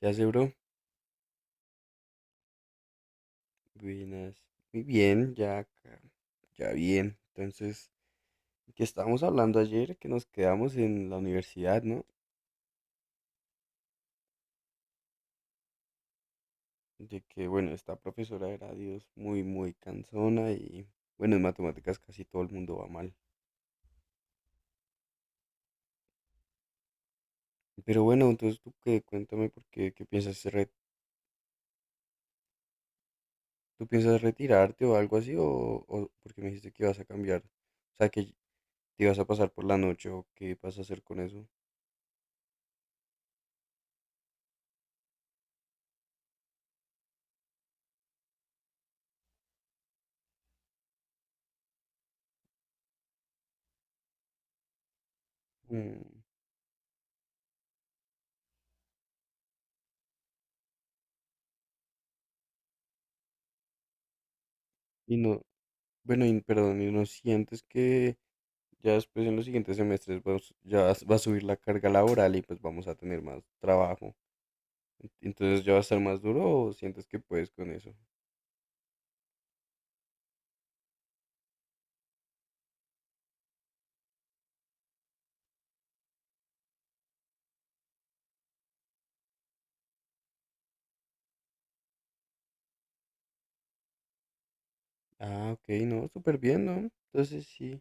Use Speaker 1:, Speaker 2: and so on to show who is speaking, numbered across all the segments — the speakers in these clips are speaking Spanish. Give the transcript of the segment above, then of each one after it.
Speaker 1: ¿Qué hace, bro? Buenas. Muy bien, ya acá. Ya bien. Entonces, que estábamos hablando ayer, que nos quedamos en la universidad, ¿no? De que, bueno, esta profesora era, Dios, muy cansona y, bueno, en matemáticas casi todo el mundo va mal. Pero bueno, entonces tú qué, cuéntame por qué, qué piensas, tú piensas retirarte o algo así, o porque me dijiste que ibas a cambiar, o sea, que te ibas a pasar por la noche o qué vas a hacer con eso. Mm. Y no, bueno, y, perdón, y no sientes que ya después en los siguientes semestres ya va a subir la carga laboral y pues vamos a tener más trabajo. Entonces ya va a estar más duro o sientes que puedes con eso. Ah, ok, no, súper bien, ¿no? Entonces sí.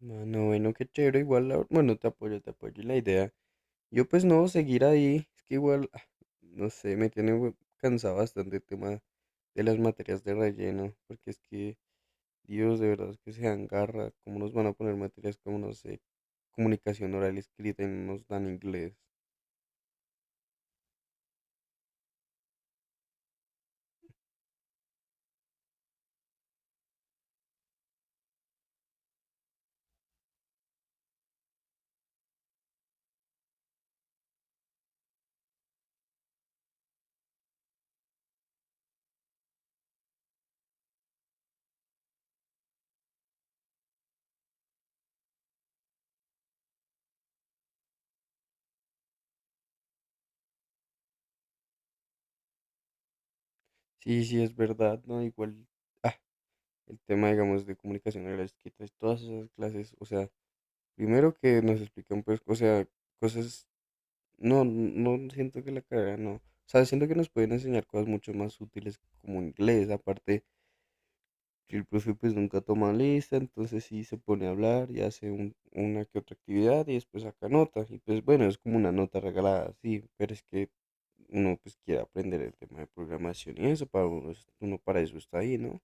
Speaker 1: No, no, bueno, qué chévere, igual, bueno, te apoyo en la idea. Yo pues no, seguir ahí, es que igual, ah, no sé, me tiene cansado bastante el tema de las materias de relleno, porque es que Dios, de verdad que se dan garra. ¿Cómo nos van a poner materias como, no sé, comunicación oral y escrita y no nos dan inglés? Sí, sí, es verdad, ¿no? Igual, ah, el tema, digamos, de comunicación oral y escrita, es todas esas clases, o sea, primero que nos explican, pues, o sea, cosas, no, no siento que la carrera, no. O sea, siento que nos pueden enseñar cosas mucho más útiles como inglés, aparte que el profe pues nunca toma lista, entonces sí se pone a hablar y hace una que otra actividad y después saca nota. Y pues bueno, es como una nota regalada, sí, pero es que uno pues quiere aprender el tema de programación y eso, para uno, uno para eso está ahí, ¿no?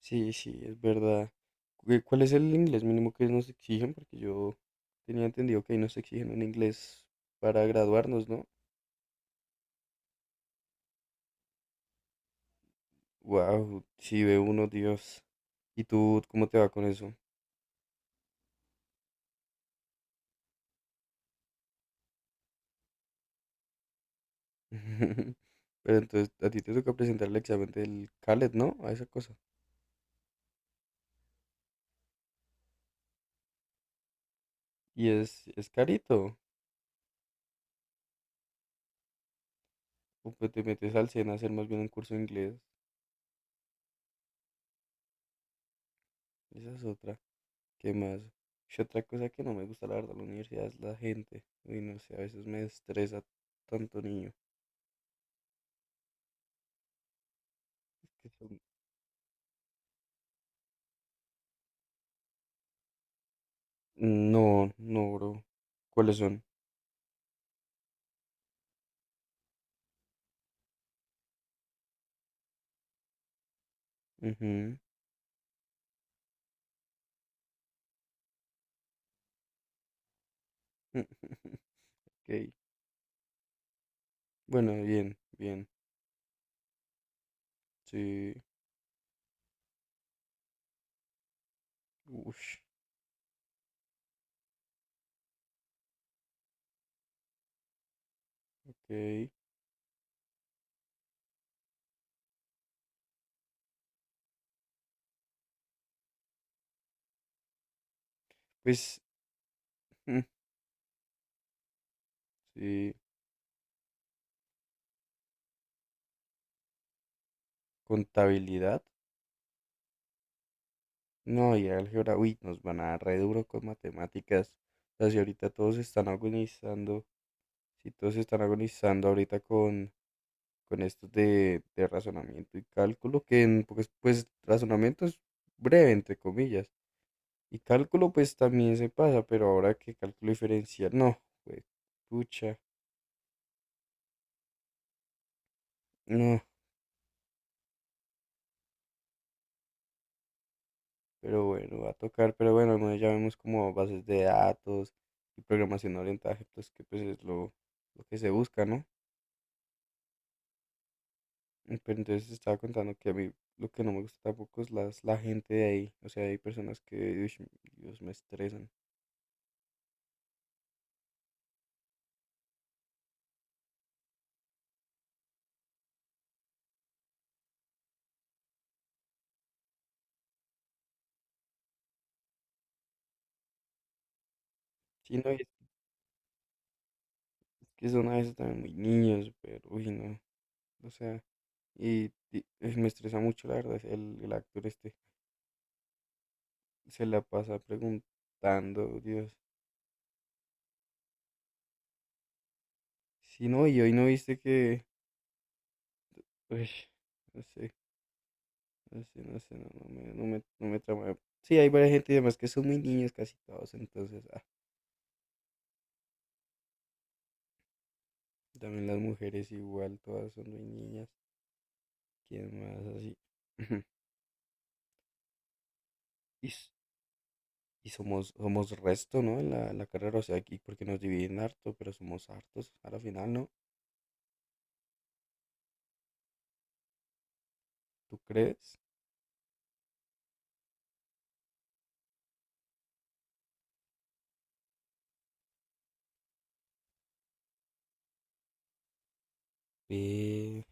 Speaker 1: Sí, sí, es verdad. ¿Cuál es el inglés mínimo que nos exigen? Porque yo tenía entendido que ahí nos exigen un inglés para graduarnos, ¿no? Wow, sí ve uno, Dios. ¿Y tú cómo te va con eso? Pero entonces a ti te toca presentar el examen del CALET, ¿no? A esa cosa. Y es carito. O pues te metes al SENA a hacer más bien un curso de inglés. Esa es otra. ¿Qué más? Y otra cosa que no me gusta, la verdad, de la universidad es la gente. Uy, no sé, a veces me estresa tanto niño. que son- No, no, bro. ¿Cuáles son? Ujú. Ok. Bueno, bien, bien. Sí. Ush, ok. Pues, mm, sí. Contabilidad. No, y álgebra, uy, nos van a dar re duro con matemáticas. O sea, si ahorita todos están agonizando, si todos están agonizando ahorita con estos de razonamiento y cálculo, que en, pues, pues razonamiento es breve, entre comillas. Y cálculo, pues también se pasa, pero ahora que cálculo diferencial, no, pues, pucha, no, pero bueno, va a tocar, pero bueno, al menos ya vemos como bases de datos y programación orientada a objetos, que pues es lo que se busca, ¿no? Mm. Pero entonces te estaba contando que a mí lo que no me gusta tampoco es las, la gente de ahí. O sea, hay personas que, uish, Dios, me estresan. Sí, no, y es que son a veces también muy niños, pero, uy, no. O sea, y, uy, me estresa mucho, la verdad, el actor este. Se la pasa preguntando, Dios. Sí, no, y hoy no viste que, uy, no sé, no sé, no sé, no, no me trama. Sí, hay varias gente y demás que son muy niños casi todos, entonces, ah, también las mujeres igual, todas son muy niñas. ¿Quién más así? Y, y somos, somos resto, ¿no? En la, la carrera, o sea, aquí porque nos dividen harto, pero somos hartos a la final, ¿no? ¿Tú crees? Eh,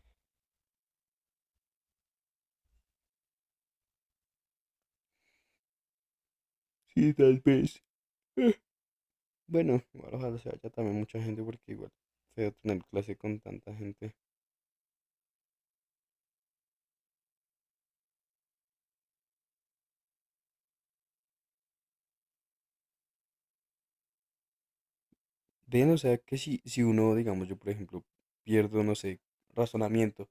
Speaker 1: sí, tal vez. Eh, Bueno, igual ojalá se vaya también mucha gente porque igual feo tener clase con tanta gente. Ven, o sea, que si, si uno, digamos, yo por ejemplo, pierdo, no sé, razonamiento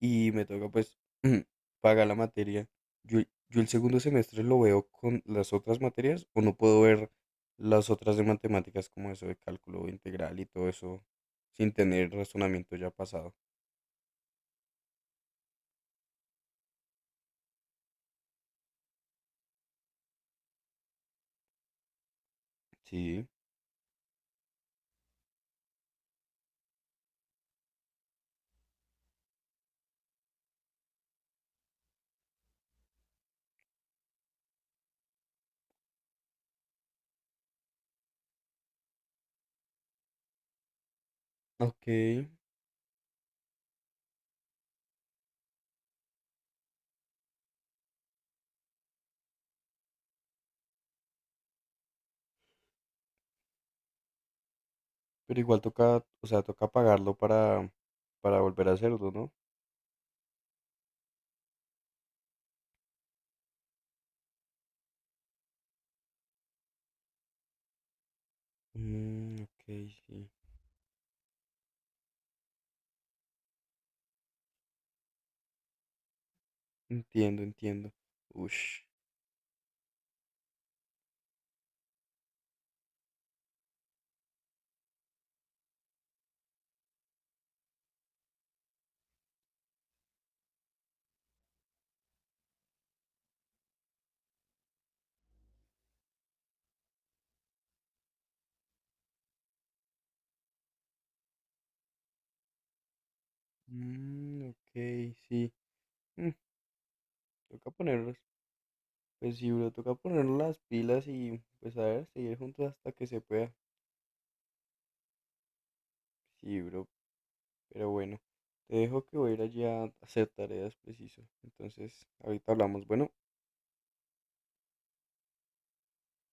Speaker 1: y me toca pues pagar la materia. Yo, yo el segundo semestre lo veo con las otras materias o no puedo ver las otras de matemáticas como eso de cálculo integral y todo eso sin tener razonamiento ya pasado. Sí, ok, pero igual toca, o sea, toca pagarlo para volver a hacerlo, ¿no? Mm, ok, sí, entiendo, entiendo. Ush. Mm, ok, sí. Mm, toca ponerlos. Pues sí, bro, toca ponernos las pilas y pues a ver, seguir juntos hasta que se pueda. Sí, bro, pero bueno, te dejo que voy a ir allá a hacer tareas preciso. Entonces, ahorita hablamos. Bueno.